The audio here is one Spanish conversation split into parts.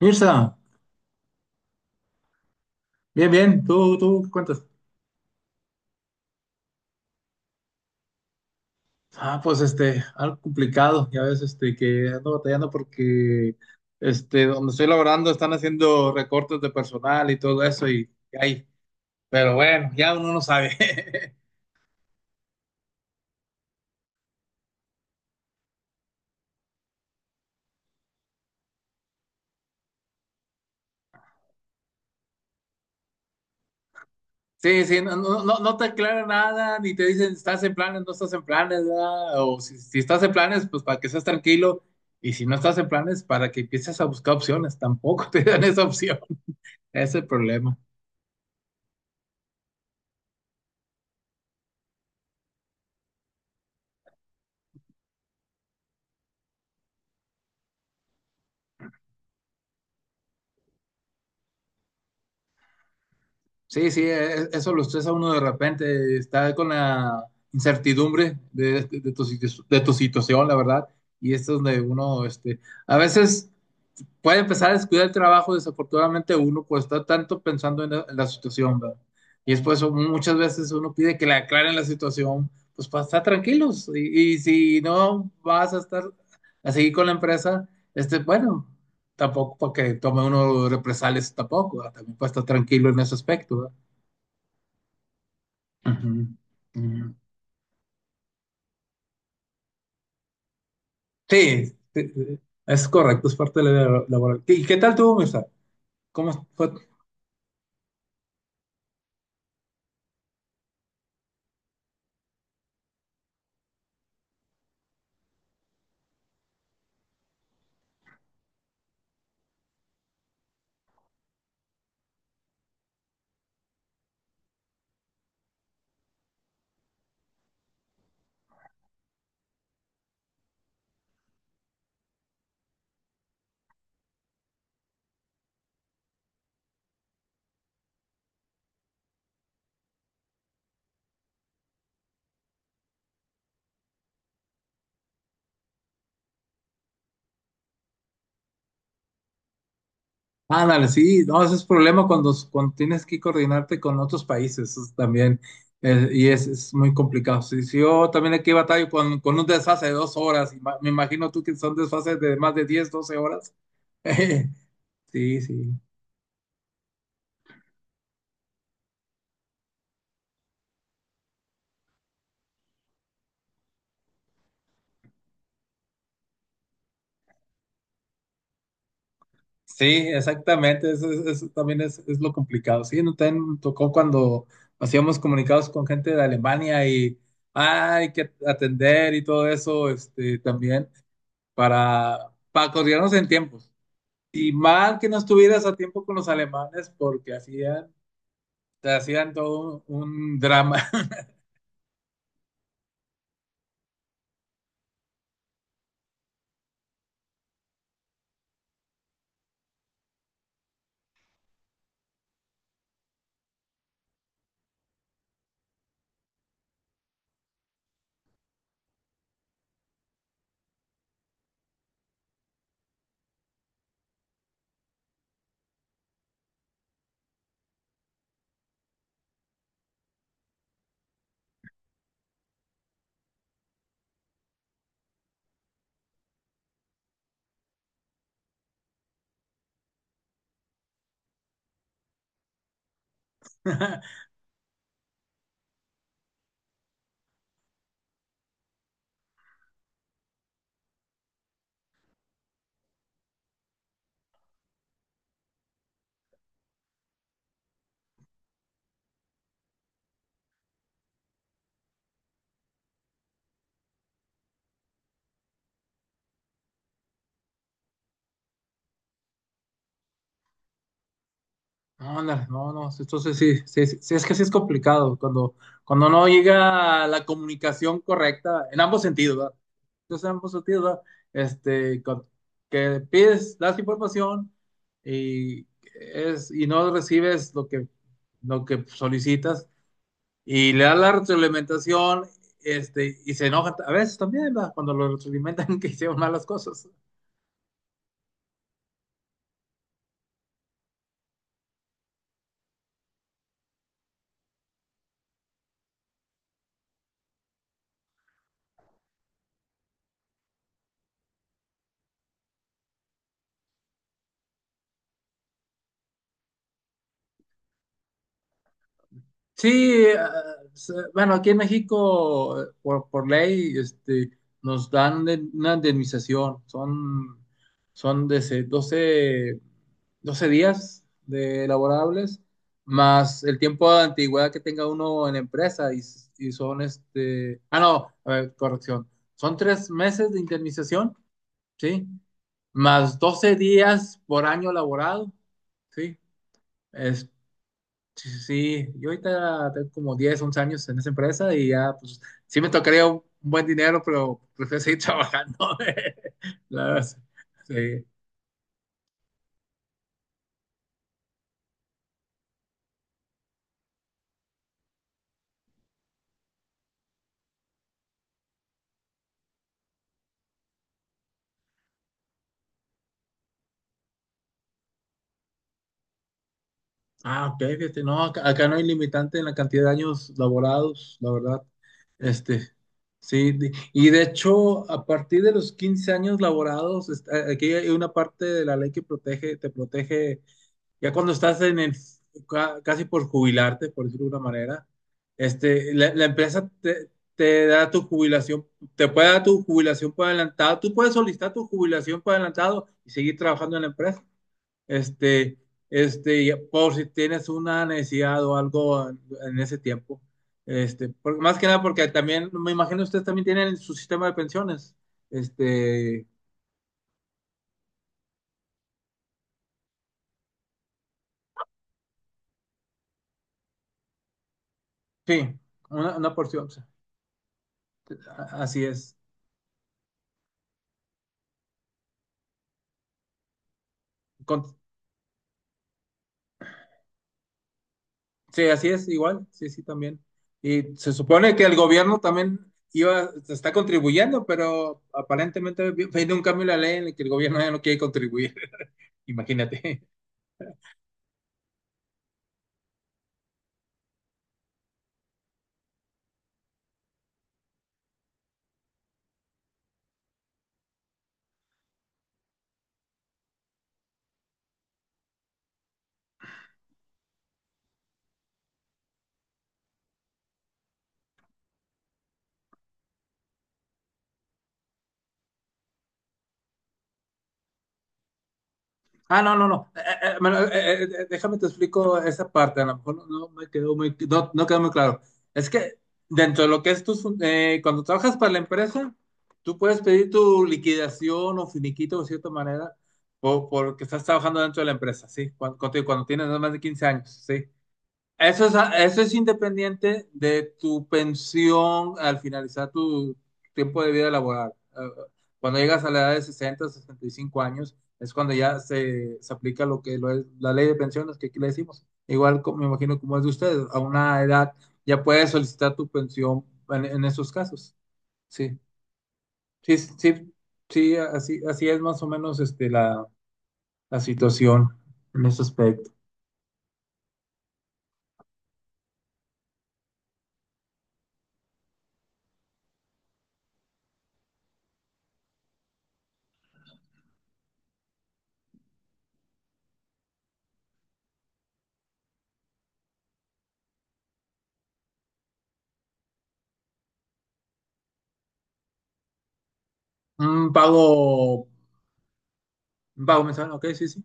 Mirza, bien, bien, ¿tú qué cuentas? Algo complicado, ya ves, que ando batallando porque, donde estoy laborando están haciendo recortes de personal y todo eso y ahí. Pero bueno, ya uno no sabe. Sí, sí, no, no, no te aclara nada, ni te dicen, si estás en planes, no estás en planes, ¿verdad? O si estás en planes, pues para que seas tranquilo, y si no estás en planes, para que empieces a buscar opciones, tampoco te dan esa opción, ese es el problema. Sí, sí, eso lo estresa uno de repente, está con la incertidumbre de tu, de tu situación, la verdad, y esto es donde uno, a veces puede empezar a descuidar el trabajo. Desafortunadamente uno pues está tanto pensando en la situación, ¿verdad? Y después muchas veces uno pide que le aclaren la situación, pues para estar tranquilos, y si no vas a estar, a seguir con la empresa, bueno, tampoco para que tome uno represalias tampoco, ¿verdad? También para estar tranquilo en ese aspecto, ¿verdad? Ujú, ujú. Sí, sí, sí, es correcto, es parte de la vida laboral. ¿Y qué tal tuvo, Mirza? ¿Cómo fue? Ándale, sí, no, ese es problema cuando, cuando tienes que coordinarte con otros países, eso es también, y es muy complicado. Sí, sí, yo también aquí batallo con un desfase de 2 horas, y me imagino tú que son desfases de más de 10, 12 horas. Sí, sí. Sí, exactamente, eso, eso también es lo complicado. Sí, no, también me tocó cuando hacíamos comunicados con gente de Alemania y ah, hay que atender y todo eso, también para, para coordinarnos en tiempos. Y mal que no estuvieras a tiempo con los alemanes porque hacían, te hacían todo un drama. Ándale, no, no, sí, entonces sí, sí, sí, sí, es que sí es complicado cuando, cuando no llega la comunicación correcta en ambos sentidos, ¿verdad? Entonces, en ambos sentidos, ¿verdad? Este, con- que pides, das información y, es, y no recibes lo que solicitas y le das la retroalimentación, y se enojan a veces también, ¿verdad? Cuando lo retroalimentan que hicieron malas cosas. Sí, ah, bueno, aquí en México, por ley, nos dan una indemnización. Son de ese 12 12 días de laborables, más el tiempo de antigüedad que tenga uno en la empresa. Y, y son, ah, no, a ver, corrección. Son 3 meses de indemnización, ¿sí? Más 12 días por año laborado, ¿sí? Sí, sí, sí. Yo ahorita tengo como 10, 11 años en esa empresa y ya, pues, sí me tocaría un buen dinero, pero prefiero seguir trabajando. La verdad, sí. Ah, ok, fíjate, no, acá, acá no hay limitante en la cantidad de años laborados, la verdad. Este, sí, y de hecho, a partir de los 15 años laborados, aquí hay una parte de la ley que protege, te protege ya cuando estás en el, casi por jubilarte, por decirlo de una manera, la, la empresa te, te da tu jubilación, te puede dar tu jubilación por adelantado, tú puedes solicitar tu jubilación por adelantado y seguir trabajando en la empresa. Este, y por si tienes una necesidad o algo en ese tiempo. Más que nada porque también, me imagino ustedes también tienen su sistema de pensiones. Este, sí, una porción, o sea, así es. Con- Sí, así es, igual, sí, sí, también. Y se supone que el gobierno también iba, está contribuyendo, pero aparentemente viene un cambio en la ley en el que el gobierno ya no quiere contribuir, imagínate. Ah, no, no, no. Bueno, déjame te explico esa parte, a lo mejor no, no me quedó muy, no, no quedó muy claro. Es que dentro de lo que es tu, cuando trabajas para la empresa, tú puedes pedir tu liquidación o finiquito de cierta manera, o porque estás trabajando dentro de la empresa, ¿sí? Cuando, cuando tienes más de 15 años, ¿sí? Eso es independiente de tu pensión al finalizar tu tiempo de vida laboral. Cuando llegas a la edad de 65 años, es cuando ya se aplica lo que lo es la ley de pensiones, que aquí le decimos. Igual me imagino como es de ustedes, a una edad ya puedes solicitar tu pensión en esos casos. Sí, sí, sí, sí, así, así es más o menos la, la situación en ese aspecto. Un pago, un pago mensual, ok, sí, sí,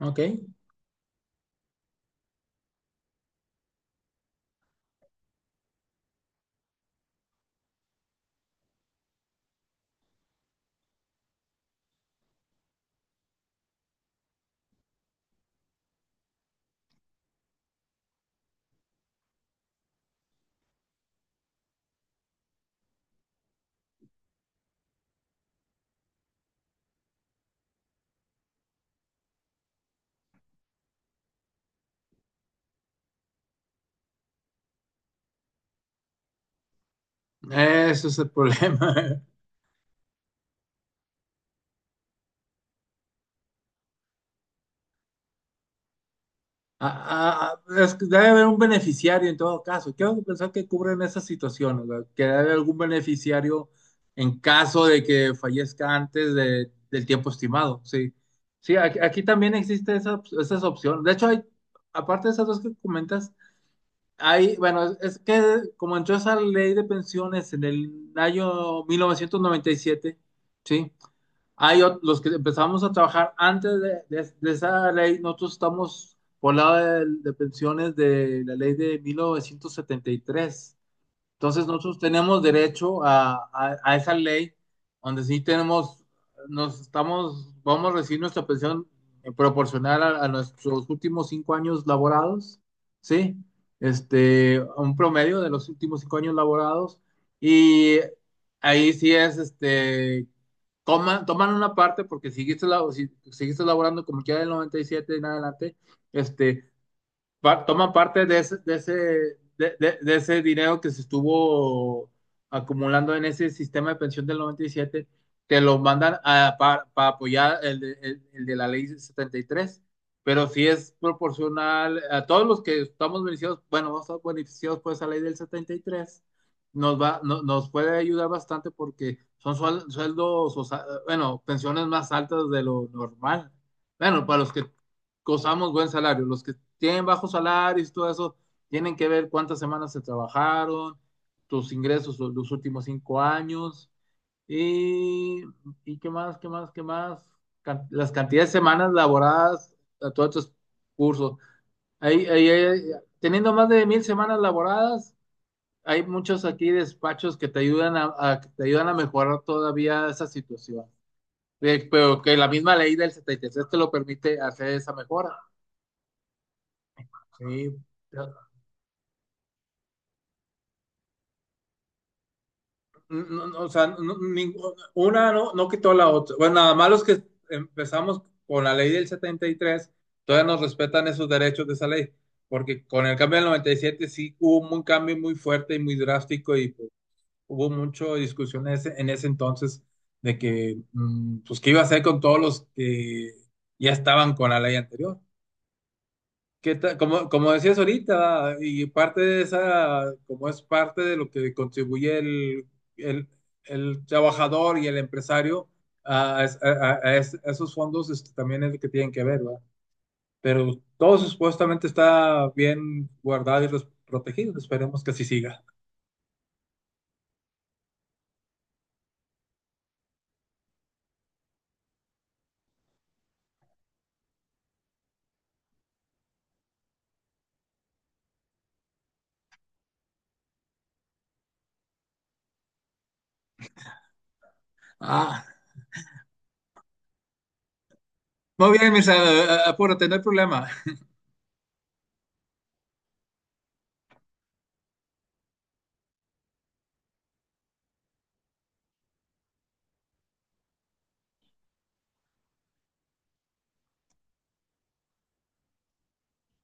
ok. Eso es el problema. Ah, ah, ah, es que debe haber un beneficiario en todo caso. Quiero pensar que cubren esas situaciones, ¿verdad? Que debe haber algún beneficiario en caso de que fallezca antes del tiempo estimado. Sí, sí, aquí, aquí también existe esa, esas opciones. De hecho, hay, aparte de esas dos que comentas, hay, bueno, es que como entró esa ley de pensiones en el año 1997. Sí. Los que empezamos a trabajar antes de, de esa ley, nosotros estamos por lado de pensiones de la ley de 1973. Entonces nosotros tenemos derecho a, a esa ley donde sí tenemos, nos estamos, vamos a recibir nuestra pensión, proporcional a nuestros últimos 5 años laborados, ¿sí? A un promedio de los últimos 5 años laborados, y ahí sí es, toman, toman una parte porque si seguiste, si, seguiste laborando como quiera del 97 en adelante, este, toman parte de ese, de ese, de, de ese dinero que se estuvo acumulando en ese sistema de pensión del noventa y siete, te lo mandan a, para, apoyar el de, el de la ley setenta y tres, pero si es proporcional a todos los que estamos beneficiados, bueno, vamos a estar beneficiados por esa ley del setenta y tres, nos va, nos puede ayudar bastante porque son sueldos, o sea, bueno, pensiones más altas de lo normal. Bueno, para los que gozamos buen salario. Los que tienen bajos salarios y todo eso, tienen que ver cuántas semanas se trabajaron, tus ingresos los últimos cinco años y, y qué más, qué más, qué más. Las cantidades de semanas laboradas a todos estos cursos. Ahí, ahí- ahí- Teniendo más de 1,000 semanas laboradas, hay muchos aquí despachos que te ayudan a, que te ayudan a mejorar todavía esa situación. Pero que la misma ley del 73 te lo permite hacer esa mejora. Sí. No, no, o sea, una no, no quitó la otra. Bueno, nada más los que empezamos con la ley del setenta y tres todavía nos respetan esos derechos de esa ley, porque con el cambio del 97 sí hubo un cambio muy fuerte y muy drástico y pues, hubo mucha discusión en ese entonces de que, pues, qué iba a hacer con todos los que ya estaban con la ley anterior. ¿Qué tal? Como, como decías ahorita, y parte de esa, como es parte de lo que contribuye el, el- el trabajador y el empresario a, a a esos fondos, también es lo que tienen que ver, ¿verdad? Pero todo supuestamente está bien guardado y protegido, esperemos que así siga. Ah, muy bien, Mirza, apúrate, no hay problema.